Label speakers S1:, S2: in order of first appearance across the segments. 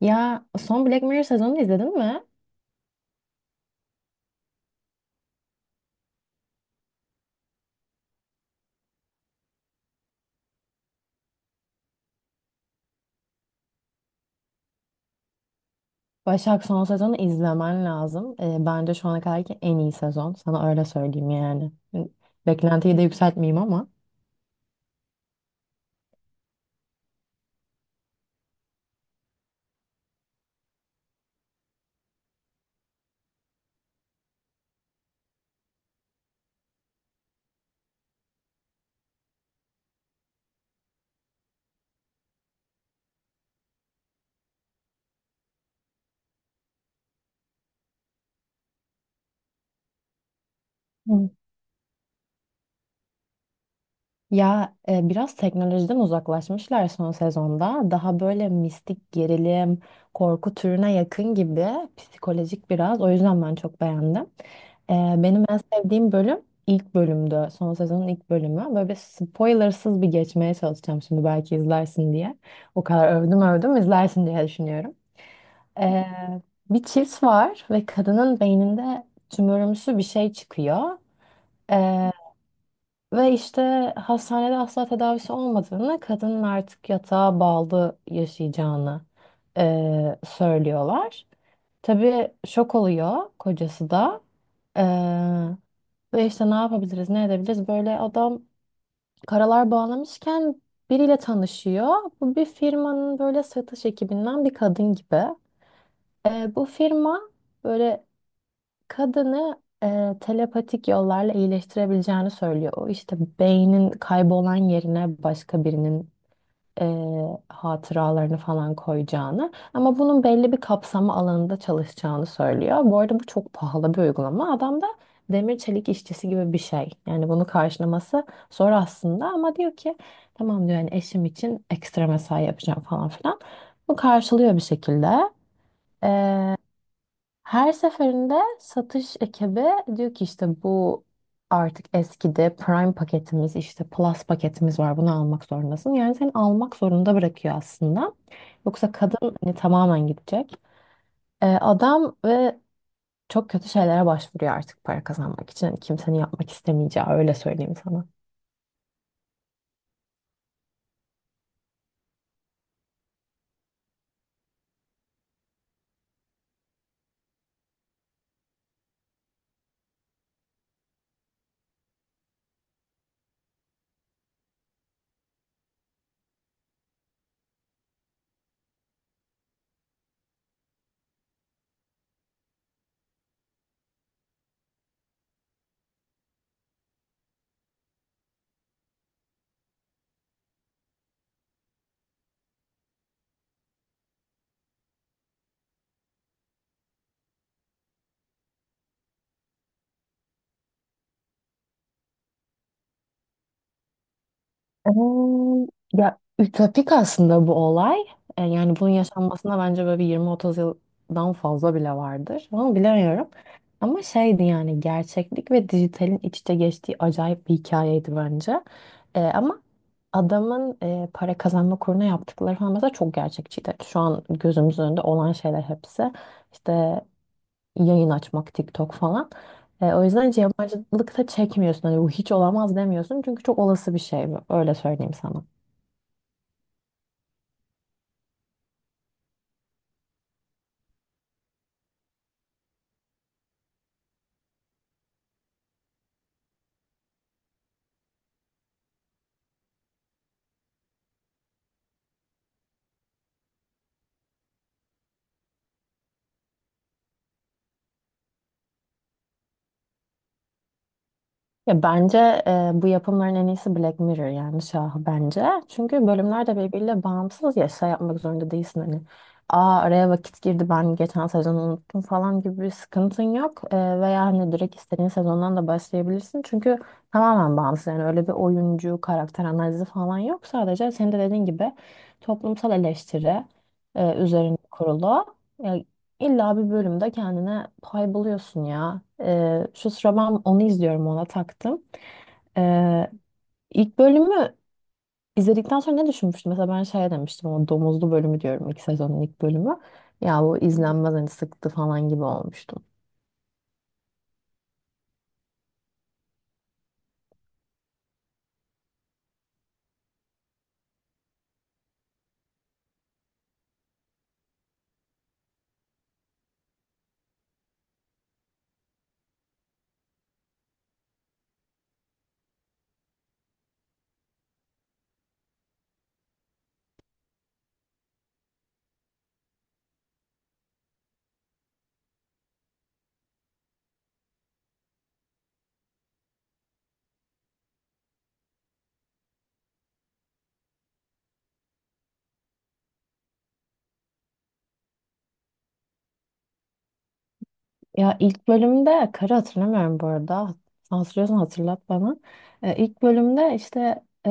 S1: Ya son Black Mirror sezonunu izledin mi? Başak son sezonu izlemen lazım. Bence şu ana kadarki en iyi sezon. Sana öyle söyleyeyim yani. Beklentiyi de yükseltmeyeyim ama. Hı. Ya biraz teknolojiden uzaklaşmışlar son sezonda. Daha böyle mistik gerilim, korku türüne yakın gibi psikolojik biraz. O yüzden ben çok beğendim. E, Benim en sevdiğim bölüm ilk bölümdü. Son sezonun ilk bölümü. Böyle bir spoilersız bir geçmeye çalışacağım şimdi belki izlersin diye. O kadar övdüm övdüm izlersin diye düşünüyorum. E, Bir çift var ve kadının beyninde tümörümsü bir şey çıkıyor. Ve işte hastanede asla tedavisi olmadığını, kadının artık yatağa bağlı yaşayacağını söylüyorlar. Tabii şok oluyor kocası da. Eee, Ve işte ne yapabiliriz, ne edebiliriz? Böyle adam karalar bağlamışken biriyle tanışıyor. Bu bir firmanın böyle satış ekibinden bir kadın gibi. Bu firma böyle kadını telepatik yollarla iyileştirebileceğini söylüyor. O işte beynin kaybolan yerine başka birinin e, hatıralarını falan koyacağını ama bunun belli bir kapsama alanında çalışacağını söylüyor. Bu arada bu çok pahalı bir uygulama. Adam da demir çelik işçisi gibi bir şey. Yani bunu karşılaması zor aslında ama diyor ki tamam diyor yani eşim için ekstra mesai yapacağım falan filan. Bu karşılıyor bir şekilde. Her seferinde satış ekibi diyor ki işte bu artık eskidi. Prime paketimiz işte Plus paketimiz var. Bunu almak zorundasın. Yani seni almak zorunda bırakıyor aslında. Yoksa kadın hani tamamen gidecek. Adam ve çok kötü şeylere başvuruyor artık para kazanmak için. Hani kimsenin yapmak istemeyeceği öyle söyleyeyim sana. Eee, Ya ütopik aslında bu olay. Yani bunun yaşanmasına bence böyle bir 20-30 yıldan fazla bile vardır. Onu bilemiyorum. Ama şeydi yani gerçeklik ve dijitalin iç içe geçtiği acayip bir hikayeydi bence. Ama adamın para kazanma kuruna yaptıkları falan mesela çok gerçekçiydi. Şu an gözümüzün önünde olan şeyler hepsi. İşte yayın açmak TikTok falan. O yüzden hiç yabancılık da çekmiyorsun. Hani bu hiç olamaz demiyorsun. Çünkü çok olası bir şey bu. Öyle söyleyeyim sana. Ya bence bu yapımların en iyisi Black Mirror yani şahı bence. Çünkü bölümler de birbiriyle bağımsız ya şey yapmak zorunda değilsin hani. Aa araya vakit girdi ben geçen sezonu unuttum falan gibi bir sıkıntın yok. Veya hani direkt istediğin sezondan da başlayabilirsin. Çünkü tamamen bağımsız yani öyle bir oyuncu karakter analizi falan yok. Sadece senin de dediğin gibi toplumsal eleştiri üzerine kurulu. İlla bir bölümde kendine pay buluyorsun ya. Şu sıra ben onu izliyorum ona taktım. Ee, ilk bölümü izledikten sonra ne düşünmüştüm? Mesela ben şey demiştim o domuzlu bölümü diyorum ilk sezonun ilk bölümü. Ya bu izlenmez hani sıktı falan gibi olmuştum. Ya ilk bölümde karı hatırlamıyorum bu arada. Hatırlıyorsan hatırlat bana. İlk bölümde işte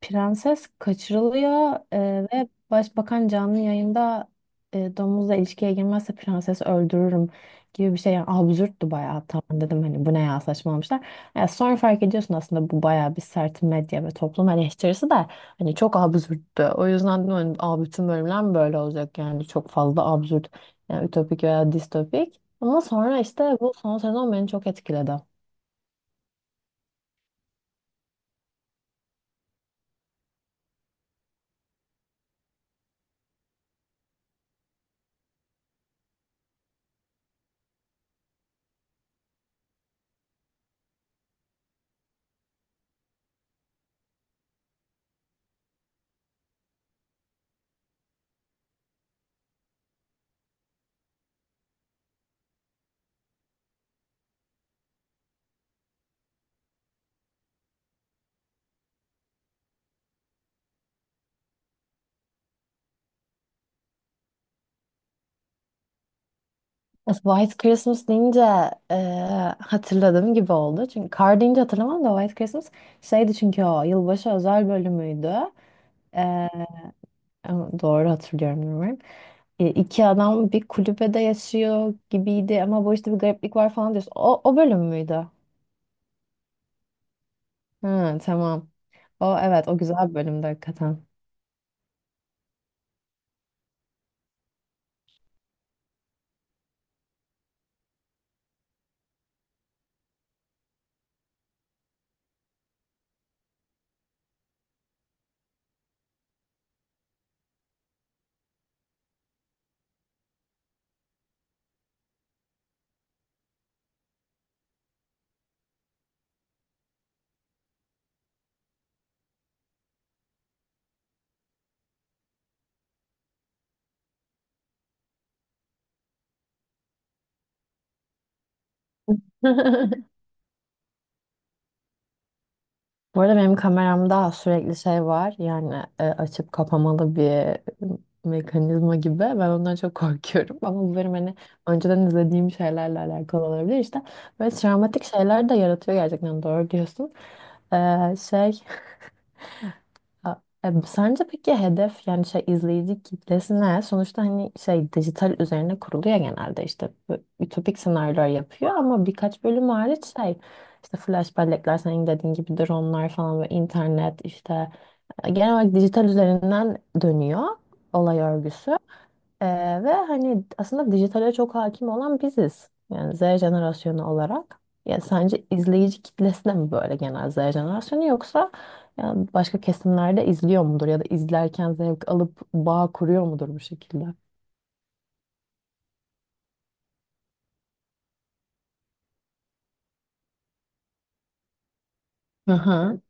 S1: prenses kaçırılıyor ve başbakan canlı yayında domuzla ilişkiye girmezse prensesi öldürürüm gibi bir şey. Yani absürttü bayağı. Tamam dedim hani bu ne ya saçmalamışlar. Ya sonra fark ediyorsun aslında bu bayağı bir sert medya ve toplum eleştirisi de hani çok absürttü. O yüzden dedim hani, "Aa, bütün bölümler mi böyle olacak yani çok fazla absürt yani ütopik veya distopik. Ama sonra işte bu son sezon beni çok etkiledi. White Christmas deyince e, hatırladığım gibi oldu. Çünkü Kar deyince hatırlamam da White Christmas şeydi çünkü o yılbaşı özel bölümüydü. E, Ama doğru hatırlıyorum bilmiyorum. İki adam bir kulübede yaşıyor gibiydi ama bu işte bir gariplik var falan diyorsun. O, o bölüm müydü? Ha, tamam. O evet o güzel bir bölümdü hakikaten. Bu arada benim kameramda sürekli şey var. Yani açıp kapamalı bir mekanizma gibi. Ben ondan çok korkuyorum. Ama bu benim hani önceden izlediğim şeylerle alakalı olabilir. İşte böyle travmatik şeyler de yaratıyor gerçekten. Doğru diyorsun. Ee, şey Sence peki hedef yani şey izleyici kitlesi ne? Sonuçta hani şey dijital üzerine kuruluyor genelde işte bu ütopik senaryolar yapıyor ama birkaç bölüm hariç şey işte flash bellekler senin dediğin gibi dronlar falan ve internet işte genel olarak dijital üzerinden dönüyor olay örgüsü. Ee, Ve hani aslında dijitale çok hakim olan biziz. Yani Z jenerasyonu olarak. Ya sence izleyici kitlesi de mi böyle genel Z jenerasyonu yoksa yani başka kesimlerde izliyor mudur ya da izlerken zevk alıp bağ kuruyor mudur bu şekilde? Hı hı.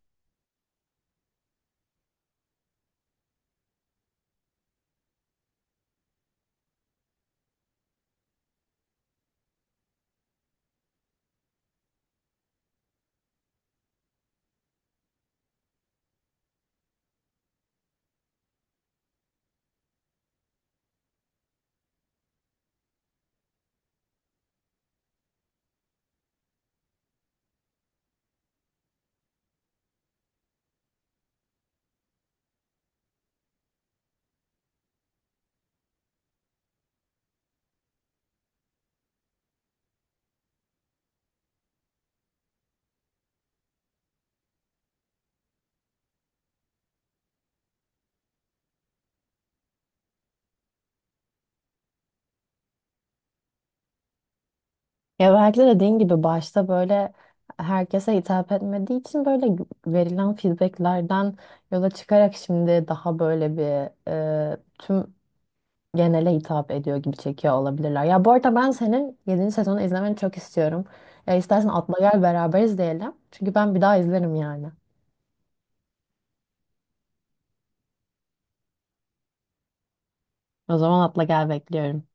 S1: Ya belki de dediğin gibi başta böyle herkese hitap etmediği için böyle verilen feedbacklerden yola çıkarak şimdi daha böyle bir tüm genele hitap ediyor gibi çekiyor olabilirler. Ya bu arada ben senin 7. sezonu izlemeni çok istiyorum. Ya istersen atla gel beraber izleyelim. Çünkü ben bir daha izlerim yani. O zaman atla gel bekliyorum.